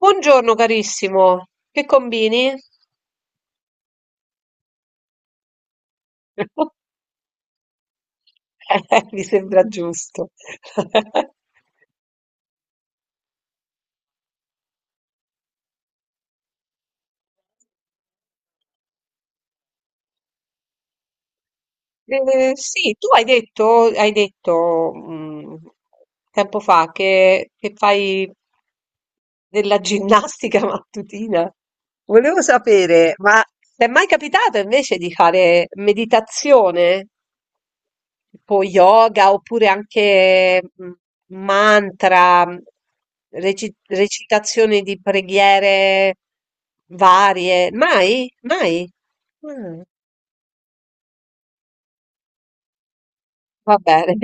Buongiorno carissimo, che combini? Okay, mi sembra giusto. Sì, tu hai detto, tempo fa che fai della ginnastica mattutina. Volevo sapere, ma t'è mai capitato invece di fare meditazione? Tipo yoga oppure anche mantra, recitazioni di preghiere varie. Mai? Mai? Mm, va bene.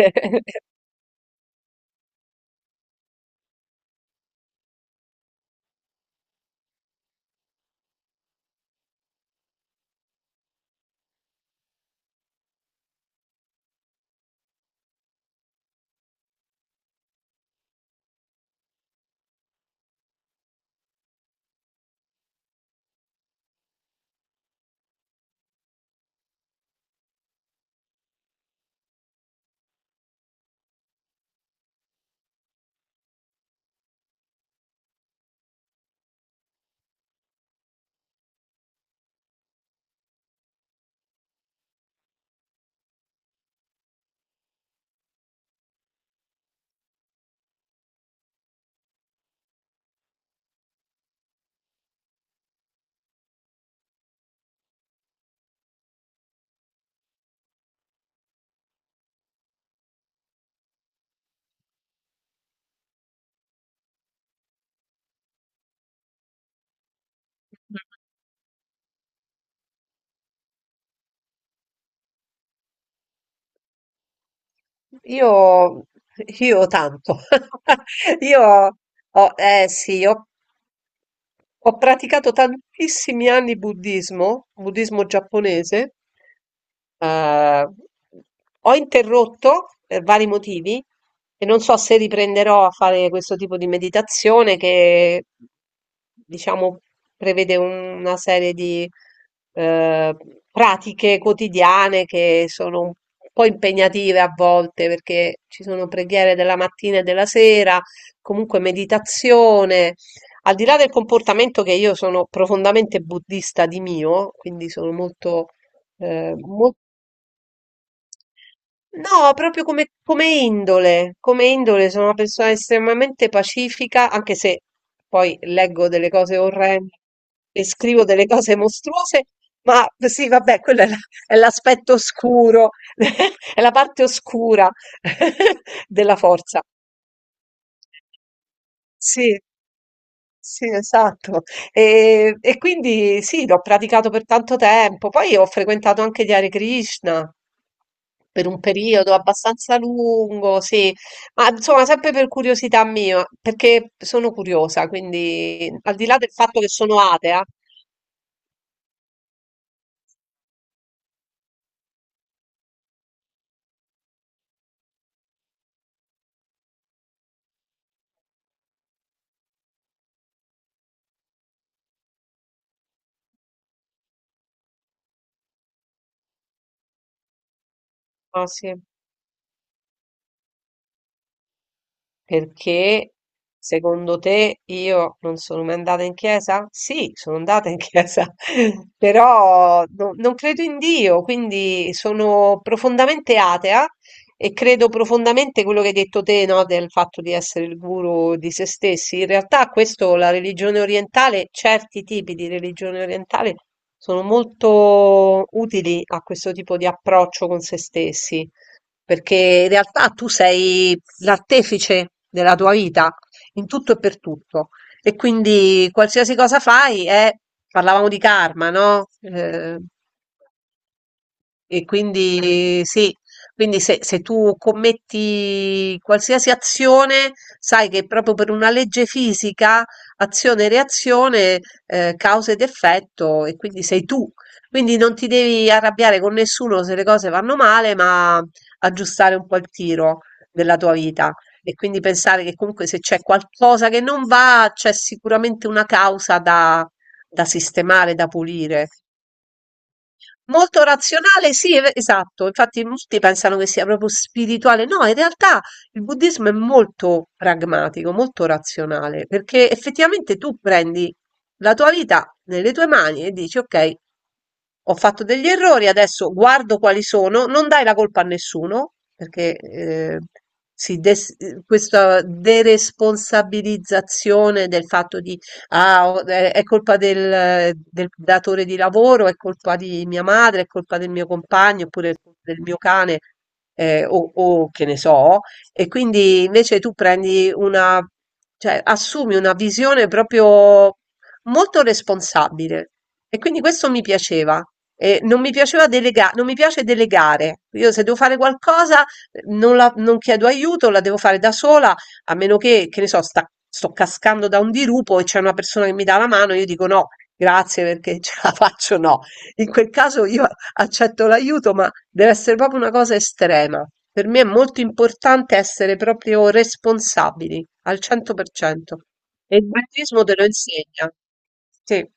Io, io tanto. Io, eh sì, ho, ho praticato tantissimi anni buddismo, buddismo giapponese. Eh, ho interrotto per vari motivi e non so se riprenderò a fare questo tipo di meditazione che, diciamo, prevede una serie di eh, pratiche quotidiane che sono un po' impegnative a volte perché ci sono preghiere della mattina e della sera, comunque meditazione. Al di là del comportamento che io sono profondamente buddista di mio, quindi sono molto, eh, mol- No, proprio come, come indole sono una persona estremamente pacifica, anche se poi leggo delle cose orrende e scrivo delle cose mostruose, ma sì, vabbè, è l'aspetto oscuro, è la parte oscura della forza. Sì. Sì, esatto. E quindi sì, l'ho praticato per tanto tempo. Poi ho frequentato anche gli Hare Krishna per un periodo abbastanza lungo, sì, ma insomma sempre per curiosità mia, perché sono curiosa, quindi al di là del fatto che sono atea, ah, sì. Perché secondo te io non sono mai andata in chiesa? Sì, sono andata in chiesa, però non credo in Dio, quindi sono profondamente atea e credo profondamente quello che hai detto te, no, del fatto di essere il guru di se stessi. In realtà questo, la religione orientale, certi tipi di religione orientale sono molto utili a questo tipo di approccio con se stessi perché in realtà tu sei l'artefice della tua vita in tutto e per tutto e quindi qualsiasi cosa fai è, parlavamo di karma, no? E quindi sì, quindi se tu commetti qualsiasi azione, sai che proprio per una legge fisica, azione e reazione, causa ed effetto, e quindi sei tu. Quindi non ti devi arrabbiare con nessuno se le cose vanno male, ma aggiustare un po' il tiro della tua vita. E quindi pensare che comunque se c'è qualcosa che non va, c'è sicuramente una causa da da sistemare, da pulire. Molto razionale, sì, esatto. Infatti molti pensano che sia proprio spirituale. No, in realtà il buddismo è molto pragmatico, molto razionale, perché effettivamente tu prendi la tua vita nelle tue mani e dici, ok, ho fatto degli errori, adesso guardo quali sono, non dai la colpa a nessuno, perché questa deresponsabilizzazione del fatto di Ah, è colpa del, del datore di lavoro, è colpa di mia madre, è colpa del mio compagno, oppure è colpa del mio cane, o che ne so. E quindi invece tu prendi una, cioè assumi una visione proprio molto responsabile. E quindi questo mi piaceva. E non mi piaceva non mi piace delegare. Io se devo fare qualcosa, non chiedo aiuto, la devo fare da sola a meno che ne so, sto cascando da un dirupo e c'è una persona che mi dà la mano, io dico no, grazie perché ce la faccio, no. In quel caso io accetto l'aiuto, ma deve essere proprio una cosa estrema. Per me è molto importante essere proprio responsabili al 100%. E il buddismo te lo insegna. Sì.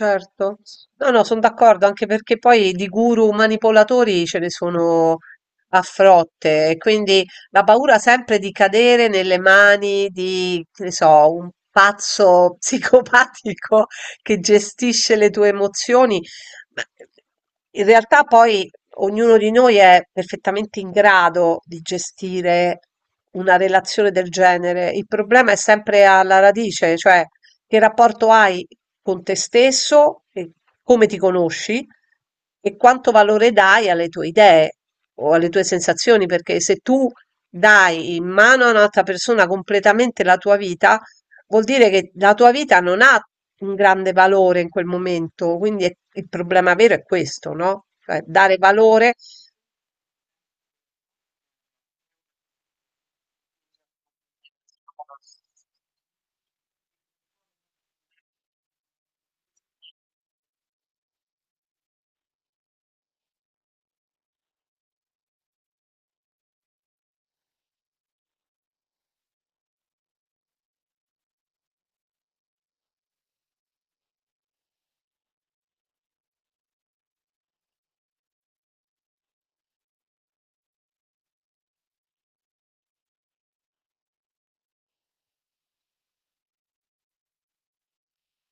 Certo. No, no, son d'accordo, anche perché poi di guru manipolatori ce ne sono a frotte, e quindi la paura sempre di cadere nelle mani di, che ne so, un pazzo psicopatico che gestisce le tue emozioni. Ma in realtà poi ognuno di noi è perfettamente in grado di gestire una relazione del genere. Il problema è sempre alla radice, cioè che rapporto hai con te stesso e come ti conosci e quanto valore dai alle tue idee o alle tue sensazioni, perché se tu dai in mano a un'altra persona completamente la tua vita, vuol dire che la tua vita non ha un grande valore in quel momento, quindi il problema vero è questo, no? Cioè dare valore.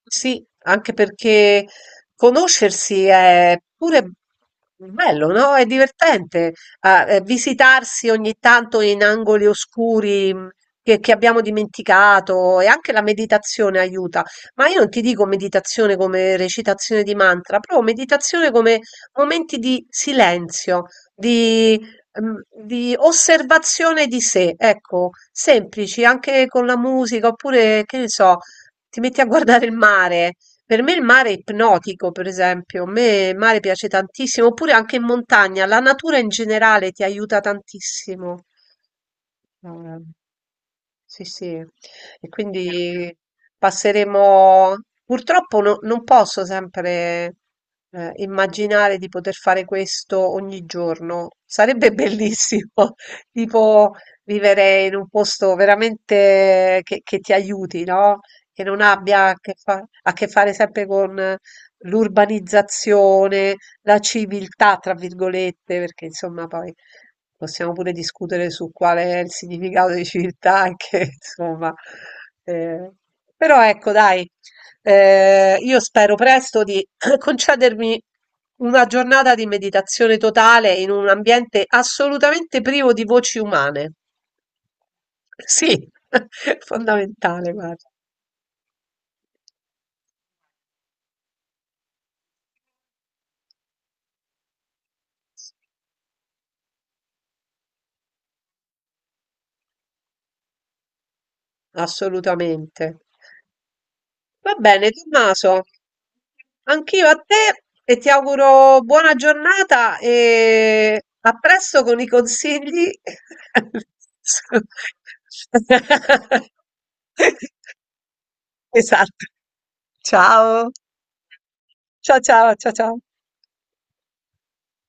Sì, anche perché conoscersi è pure bello, no? È divertente visitarsi ogni tanto in angoli oscuri che abbiamo dimenticato e anche la meditazione aiuta. Ma io non ti dico meditazione come recitazione di mantra, proprio meditazione come momenti di silenzio, di, di osservazione di sé, ecco, semplici, anche con la musica, oppure che ne so ti metti a guardare il mare. Per me il mare è ipnotico, per esempio. A me il mare piace tantissimo, oppure anche in montagna. La natura in generale ti aiuta tantissimo. Ah. Sì, sì. E quindi passeremo... Purtroppo non posso sempre immaginare di poter fare questo ogni giorno. Sarebbe bellissimo, tipo vivere in un posto veramente che ti aiuti, no? Che non abbia a che, a che fare sempre con l'urbanizzazione, la civiltà, tra virgolette, perché insomma poi possiamo pure discutere su quale è il significato di civiltà che insomma, ehm, però ecco dai, io spero presto di concedermi una giornata di meditazione totale in un ambiente assolutamente privo di voci umane. Sì, fondamentale, guarda, assolutamente. Va bene, Tommaso, anch'io a te e ti auguro buona giornata e a presto con i consigli. su- Esatto. Ciao. Ciao, ciao, ciao, ciao.